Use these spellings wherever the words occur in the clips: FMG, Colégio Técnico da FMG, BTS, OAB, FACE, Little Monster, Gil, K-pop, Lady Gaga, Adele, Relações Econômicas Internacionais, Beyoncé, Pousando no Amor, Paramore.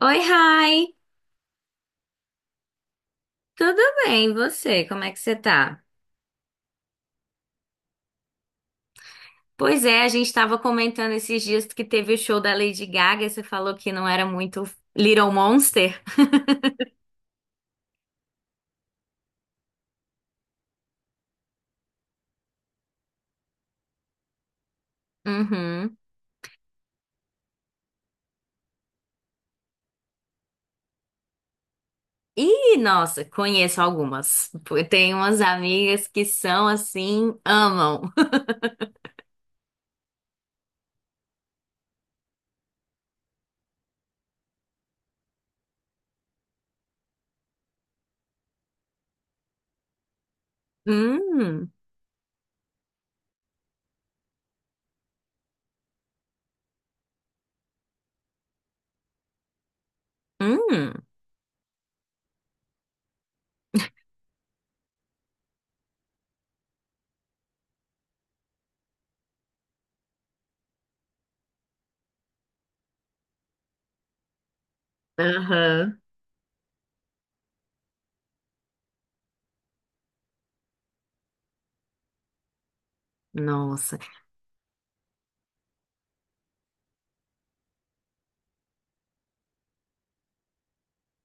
Oi, Rai! Tudo bem, e você? Como é que você tá? Pois é, a gente estava comentando esses dias que teve o show da Lady Gaga, e você falou que não era muito Little Monster. Uhum. E, nossa, conheço algumas. Pô, eu tenho umas amigas que são assim, amam. Hum, hum, aham. Nossa.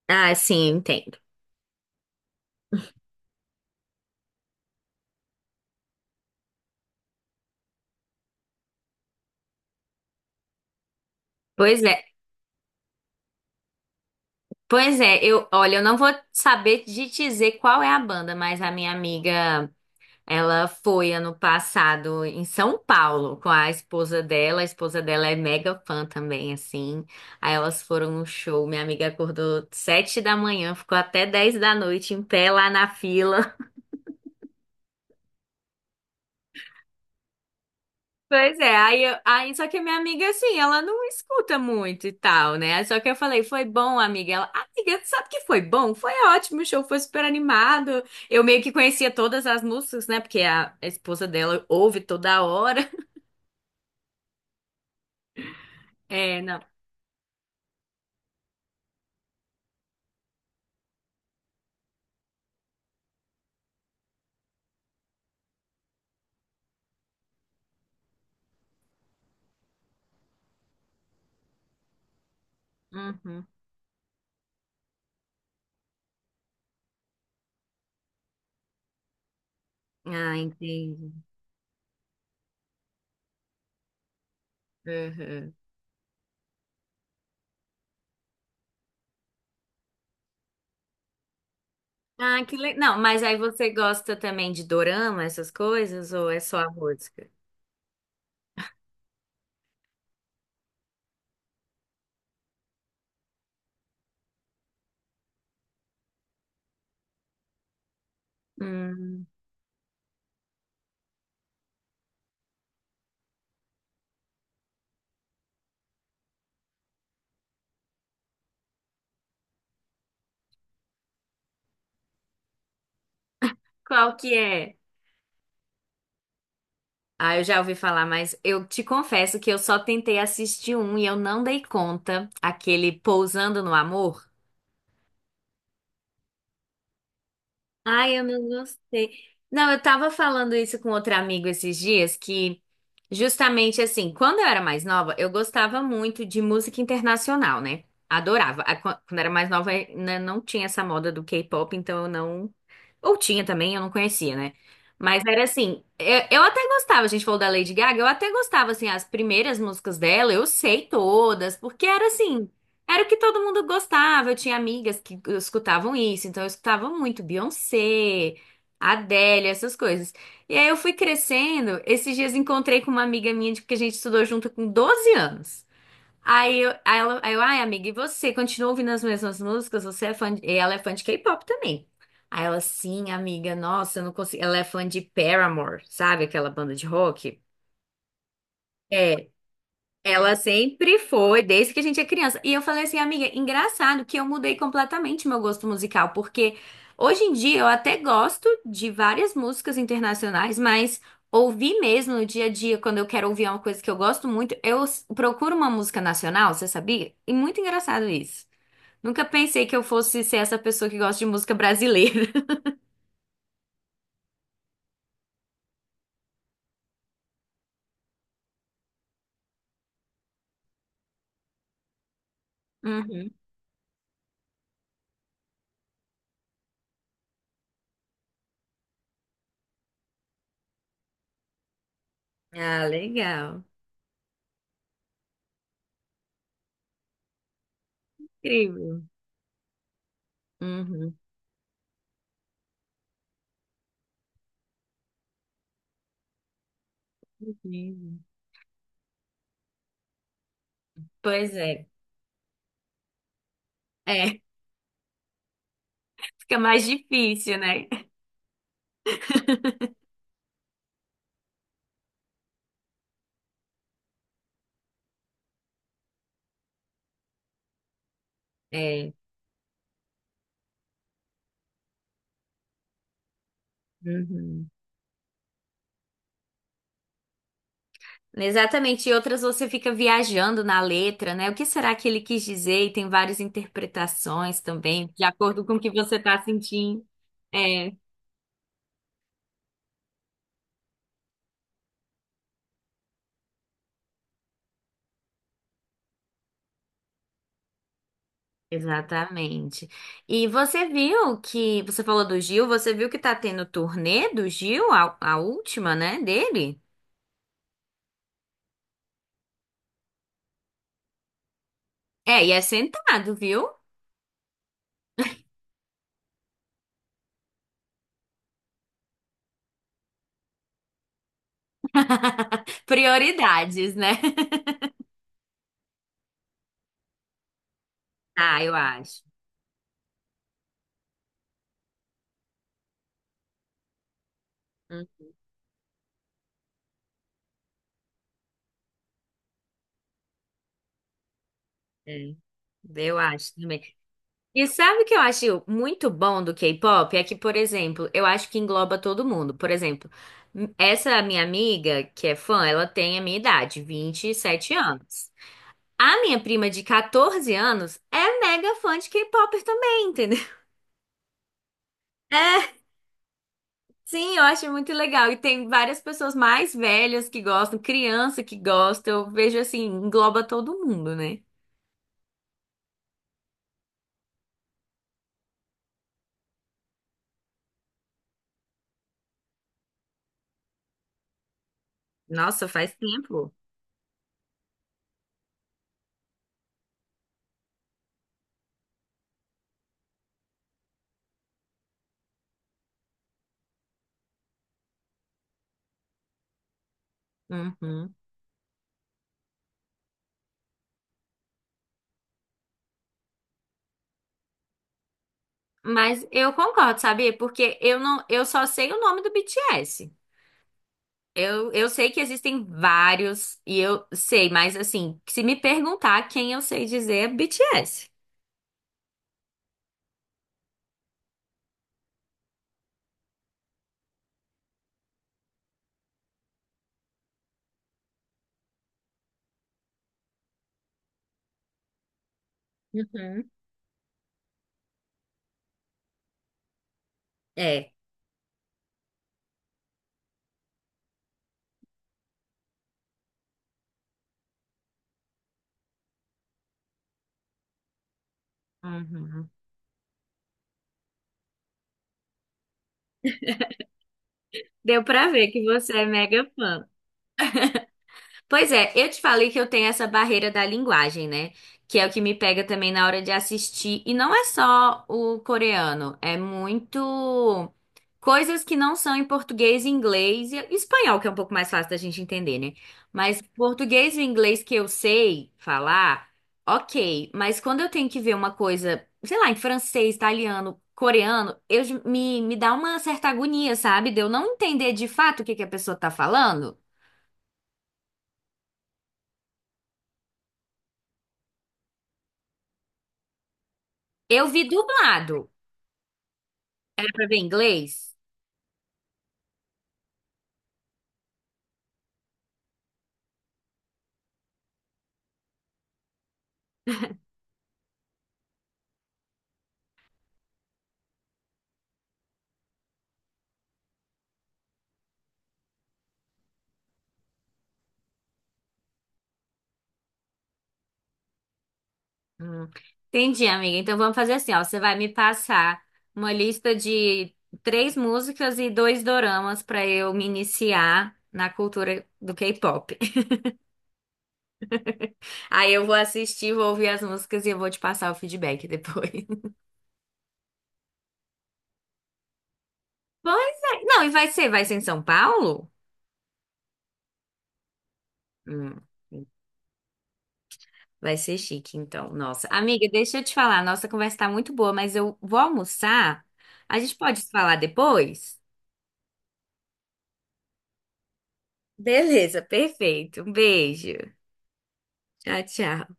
Ah, sim, eu entendo. Pois é, pois é, olha, eu não vou saber de dizer qual é a banda, mas a minha amiga. Ela foi ano passado em São Paulo com a esposa dela. A esposa dela é mega fã também, assim. Aí elas foram no show. Minha amiga acordou sete da manhã, ficou até dez da noite em pé lá na fila. Pois é, aí, aí só que a minha amiga, assim, ela não escuta muito e tal, né? Aí só que eu falei, foi bom, amiga. Ela, amiga, sabe que foi bom? Foi ótimo, o show foi super animado. Eu meio que conhecia todas as músicas, né? Porque a esposa dela ouve toda hora. É, não. Uhum. Ah, entendi. Uhum. Ah, que legal. Não, mas aí você gosta também de dorama, essas coisas, ou é só a música? Hum, qual que é? Ah, eu já ouvi falar, mas eu te confesso que eu só tentei assistir um e eu não dei conta, aquele Pousando no Amor. Ai, eu não gostei. Não, eu tava falando isso com outro amigo esses dias, que justamente assim, quando eu era mais nova, eu gostava muito de música internacional, né? Adorava. Quando eu era mais nova, né, não tinha essa moda do K-pop, então eu não ou tinha também, eu não conhecia, né? Mas era assim, eu até gostava, a gente falou da Lady Gaga, eu até gostava, assim, as primeiras músicas dela, eu sei todas, porque era assim, era o que todo mundo gostava, eu tinha amigas que escutavam isso, então eu escutava muito Beyoncé, Adele, essas coisas. E aí eu fui crescendo, esses dias encontrei com uma amiga minha, porque a gente estudou junto com 12 anos. Aí eu, aí ela, aí eu, ai, amiga, e você continua ouvindo as mesmas músicas? Você é fã de... E ela é fã de K-pop também. Aí ela, sim, amiga, nossa, eu não consigo. Ela é fã de Paramore, sabe? Aquela banda de rock. É, ela sempre foi, desde que a gente é criança. E eu falei assim, amiga, engraçado que eu mudei completamente meu gosto musical, porque hoje em dia eu até gosto de várias músicas internacionais, mas ouvir mesmo no dia a dia, quando eu quero ouvir uma coisa que eu gosto muito, procuro uma música nacional, você sabia? E muito engraçado isso. Nunca pensei que eu fosse ser essa pessoa que gosta de música brasileira. Uhum. Ah, legal. Incrível. Uhum. Incrível. Pois é. É, fica mais difícil, né? É. Uhum. Exatamente. E outras você fica viajando na letra, né? O que será que ele quis dizer? E tem várias interpretações também, de acordo com o que você está sentindo. É, exatamente. E você viu que, você falou do Gil, você viu que tá tendo turnê do Gil, a última, né, dele? É, e é sentado, viu? Prioridades, né? Ah, eu acho. Hum, é. Eu acho também. E sabe o que eu acho muito bom do K-pop? É que, por exemplo, eu acho que engloba todo mundo. Por exemplo, essa minha amiga, que é fã, ela tem a minha idade, vinte e sete anos. A minha prima de 14 anos é mega fã de K-pop também, entendeu? É, sim, eu acho muito legal. E tem várias pessoas mais velhas que gostam, criança que gosta. Eu vejo assim, engloba todo mundo, né? Nossa, faz tempo. Uhum. Mas eu concordo, sabia? Porque eu não, eu só sei o nome do BTS. Eu sei que existem vários e eu sei, mas assim, se me perguntar quem eu sei dizer é BTS. Uhum. É. Uhum. Deu pra ver que você é mega fã. Pois é, eu te falei que eu tenho essa barreira da linguagem, né? Que é o que me pega também na hora de assistir. E não é só o coreano, é muito coisas que não são em português, inglês e espanhol, que é um pouco mais fácil da gente entender, né? Mas português e inglês que eu sei falar, ok. Mas quando eu tenho que ver uma coisa, sei lá, em francês, italiano, coreano, me dá uma certa agonia, sabe? De eu não entender de fato o que que a pessoa tá falando. Eu vi dublado. Pra ver inglês? Hum, Entendi, amiga. Então vamos fazer assim, ó. Você vai me passar uma lista de três músicas e dois doramas pra eu me iniciar na cultura do K-pop. Aí eu vou assistir, vou ouvir as músicas e eu vou te passar o feedback depois. Pois é. Não, e vai ser em São Paulo? Hum, vai ser chique, então. Nossa, amiga, deixa eu te falar. Nossa conversa tá muito boa, mas eu vou almoçar. A gente pode se falar depois? Beleza, perfeito. Um beijo. Tchau, tchau.